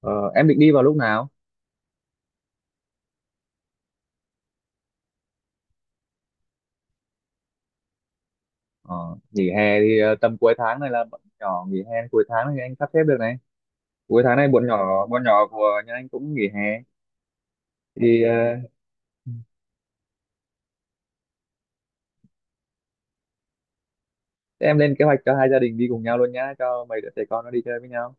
Ờ, em định đi vào lúc nào? Ờ, nghỉ hè thì tầm cuối tháng này là bọn nhỏ nghỉ hè, cuối tháng này anh sắp xếp được này. Cuối tháng này bọn nhỏ của nhà anh cũng nghỉ hè, thì em lên kế hoạch cho hai gia đình đi cùng nhau luôn nhá, cho mấy đứa trẻ con nó đi chơi với nhau.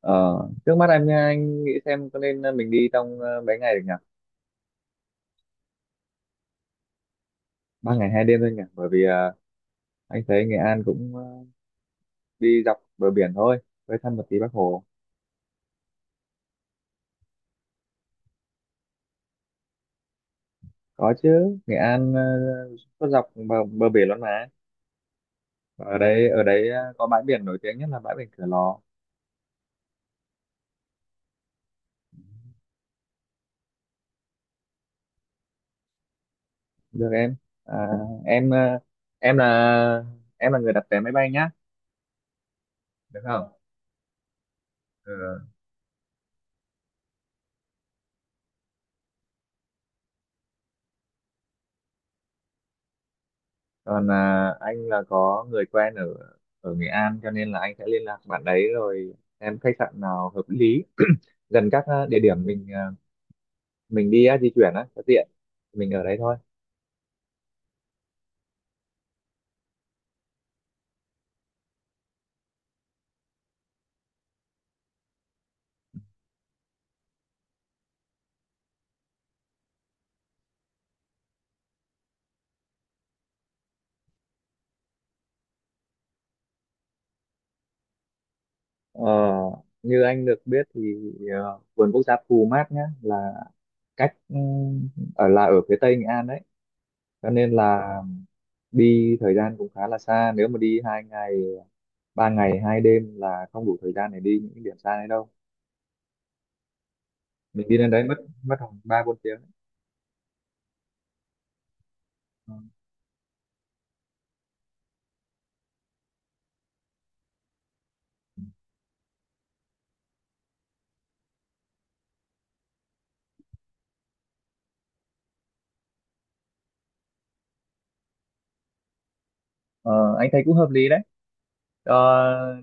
Ờ, trước mắt em nha, anh nghĩ xem có nên mình đi trong mấy ngày được nhỉ? 3 ngày 2 đêm thôi nhỉ? Bởi vì anh thấy Nghệ An cũng đi dọc bờ biển thôi, với thăm một tí Bắc Hồ. Có chứ, Nghệ An có dọc bờ biển luôn mà. Ở đấy có bãi biển nổi tiếng nhất là bãi biển Cửa Lò. Được em à, em à, em là em là người đặt vé máy bay nhá, được không? Ừ. Còn anh là có người quen ở ở Nghệ An, cho nên là anh sẽ liên lạc bạn đấy, rồi em khách sạn nào hợp lý gần các địa điểm mình mình đi di chuyển cho tiện, mình ở đấy thôi. Ờ, như anh được biết thì à, vườn quốc gia Pù Mát nhá là cách ở phía tây Nghệ An đấy, cho nên là đi thời gian cũng khá là xa, nếu mà đi 2 ngày 3 ngày 2 đêm là không đủ thời gian để đi những cái điểm xa đấy đâu. Mình đi lên đấy mất mất khoảng ba bốn tiếng đấy. Ừ. Ờ, anh thấy cũng hợp lý đấy. Cho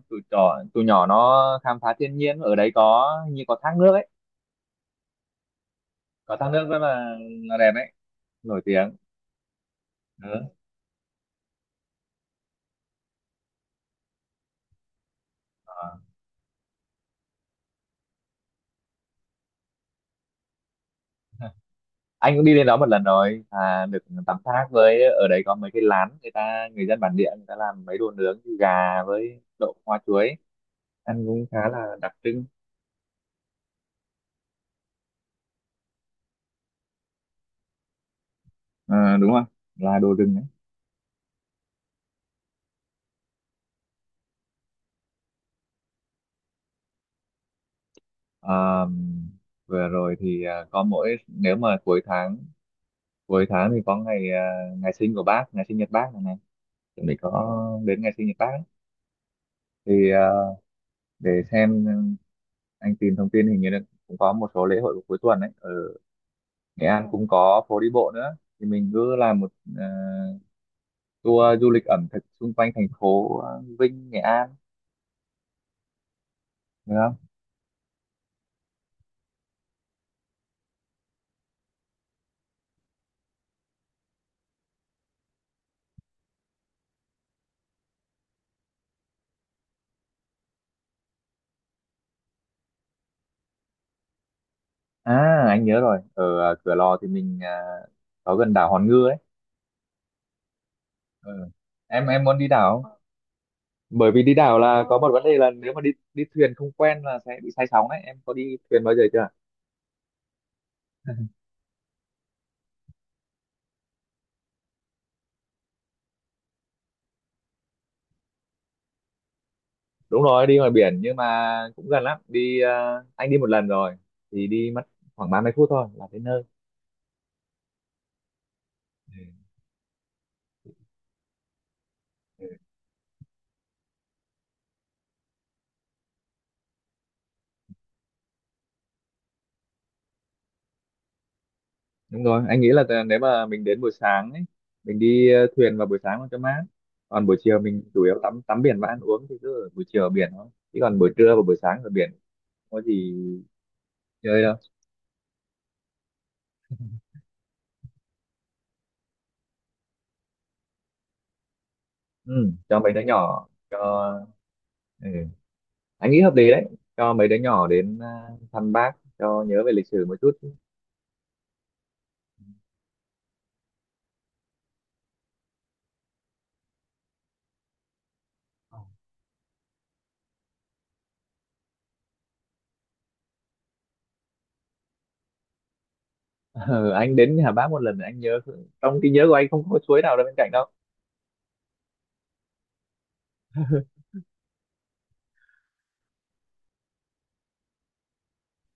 tụi nhỏ nó khám phá thiên nhiên ở đấy, có như có thác nước ấy, có thác nước rất là đẹp ấy, nổi tiếng. Ừ. Ờ. Anh cũng đi lên đó một lần rồi, được tắm thác, với ở đấy có mấy cái lán, người dân bản địa người ta làm mấy đồ nướng gà với đậu hoa chuối, ăn cũng khá là đặc trưng. Ờ, đúng rồi, là đồ rừng đấy. Ờ, vừa rồi thì có mỗi nếu mà cuối tháng thì có ngày, ngày sinh của bác ngày sinh nhật bác này này, chuẩn bị có đến ngày sinh nhật bác ấy. Thì để xem, anh tìm thông tin hình như là cũng có một số lễ hội của cuối tuần đấy ở Nghệ An, cũng có phố đi bộ nữa, thì mình cứ làm một à, tour du lịch ẩm thực xung quanh thành phố, Vinh Nghệ An, được không? À, anh nhớ rồi, ở Cửa Lò thì mình có gần đảo Hòn Ngư ấy. Ừ. Em muốn đi đảo không? Bởi vì đi đảo là có một vấn đề là, nếu mà đi đi thuyền không quen là sẽ bị say sóng đấy, em có đi thuyền bao giờ chưa? Đúng rồi, đi ngoài biển, nhưng mà cũng gần lắm. Đi anh đi một lần rồi thì đi mất khoảng 30 phút thôi là tới nơi. Ừ. Đúng rồi, anh nghĩ là, nếu mà mình đến buổi sáng ấy mình đi thuyền vào buổi sáng cho mát, còn buổi chiều mình chủ yếu tắm tắm biển và ăn uống, thì cứ ở buổi chiều ở biển thôi, chứ còn buổi trưa và buổi sáng ở biển không có gì chơi đâu. Ừ, cho mấy đứa nhỏ cho. Ừ, anh nghĩ hợp lý đấy, cho mấy đứa nhỏ đến thăm bác cho nhớ về lịch sử một chút. Ừ, anh đến nhà bác một lần, anh nhớ trong trí nhớ của anh không có suối nào đâu bên cạnh đâu.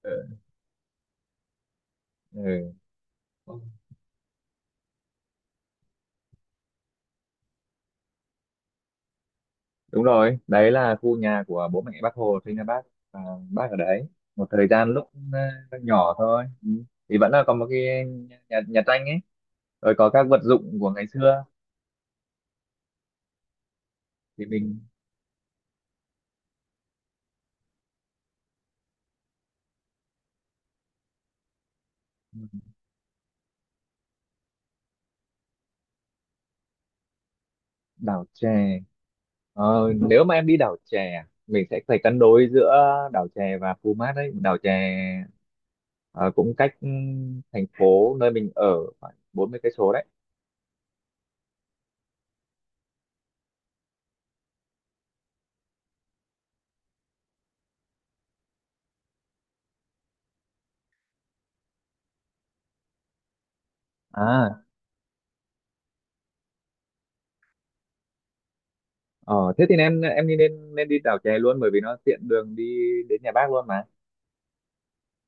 Ừ. Ừ, ừ. Đúng rồi, đấy là khu nhà của bố mẹ bác Hồ sinh ra bác, và bác ở đấy một thời gian lúc nhỏ thôi. Ừ. Thì vẫn là có một cái nhà tranh ấy, rồi có các vật dụng của ngày xưa. Thì mình, ừ, đảo chè. Ờ, nếu mà em đi đảo chè mình sẽ phải cân đối giữa đảo chè và Phú Mát đấy. Đảo chè ờ, cũng cách thành phố nơi mình ở khoảng 40 cây số đấy. À, ờ, thế thì em đi nên nên đi đảo chè luôn, bởi vì nó tiện đường đi đến nhà bác luôn mà.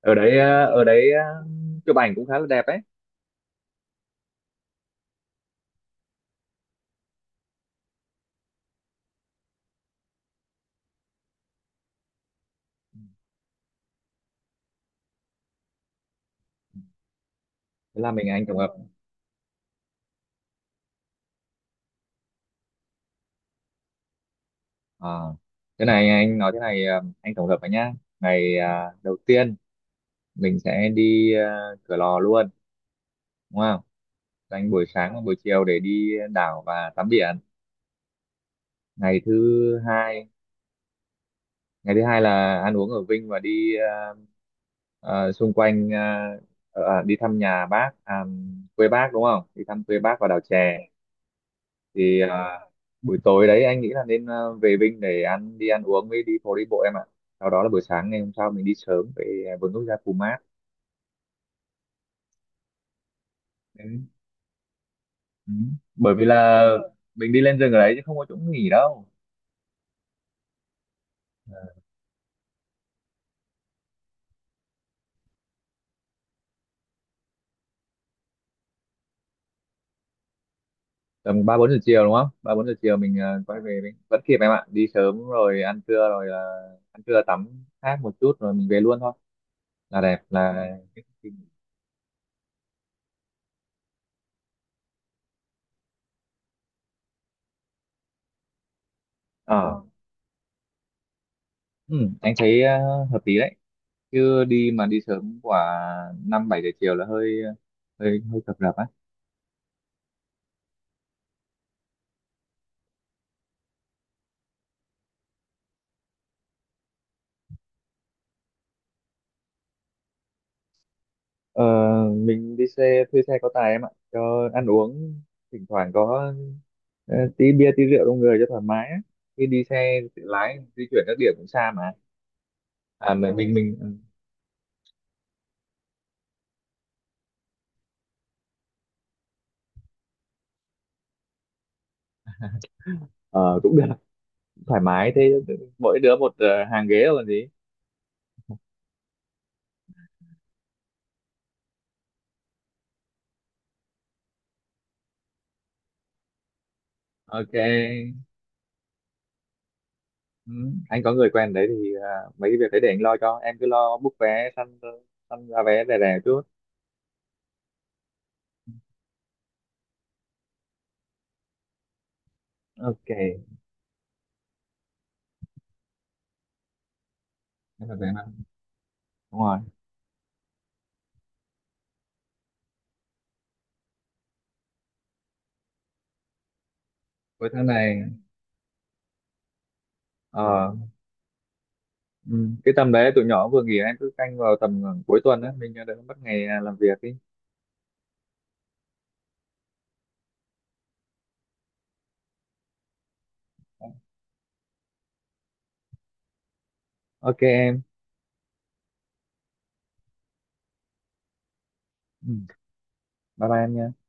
Ở đấy, chụp ảnh cũng khá là đẹp đấy. Thế là mình Anh tổng hợp. Ờ, thế này anh nói thế này, anh tổng hợp với nhá. Ngày đầu tiên mình sẽ đi Cửa Lò luôn, đúng không? Dành buổi sáng và buổi chiều để đi đảo và tắm biển. ngày thứ hai Ngày thứ hai là ăn uống ở Vinh và đi xung quanh, đi thăm nhà bác à, quê bác, đúng không? Đi thăm quê bác và đảo chè. Thì buổi tối đấy anh nghĩ là nên về Vinh để đi ăn uống với đi phố đi bộ em ạ. Sau đó là buổi sáng ngày hôm sau mình đi sớm về vườn quốc gia Pumat đấy. Ừ. Bởi vì là mình đi lên rừng ở đấy chứ không có chỗ nghỉ đâu. Tầm ba bốn giờ chiều đúng không? Ba bốn giờ chiều mình quay về mình vẫn kịp em ạ, đi sớm rồi ăn trưa, rồi ờ, ăn trưa tắm hát một chút rồi mình về luôn thôi là đẹp là. ờ ừ, anh thấy hợp lý đấy, chứ đi mà đi sớm quả năm bảy giờ chiều là hơi hơi hơi cập rập á. ờ, mình đi xe, thuê xe có tài em ạ, cho ăn uống thỉnh thoảng có tí bia tí rượu trong người cho thoải mái á, khi đi xe tự lái di chuyển các điểm cũng xa mà. Mình ờ, cũng được, thoải mái thế, mỗi đứa một hàng ghế rồi còn gì. Ok. Ừ, anh có người quen đấy, thì mấy cái việc đấy để anh lo, cho em cứ lo book vé, săn săn giá vé rẻ rẻ chút. Ok em. Là vé năm, đúng rồi, cuối tháng này. ờ ừ, cái tầm đấy tụi nhỏ vừa nghỉ, em cứ canh vào tầm cuối tuần á, mình đỡ mất ngày làm việc đi. Ok em. Ừ, bye bye em nha.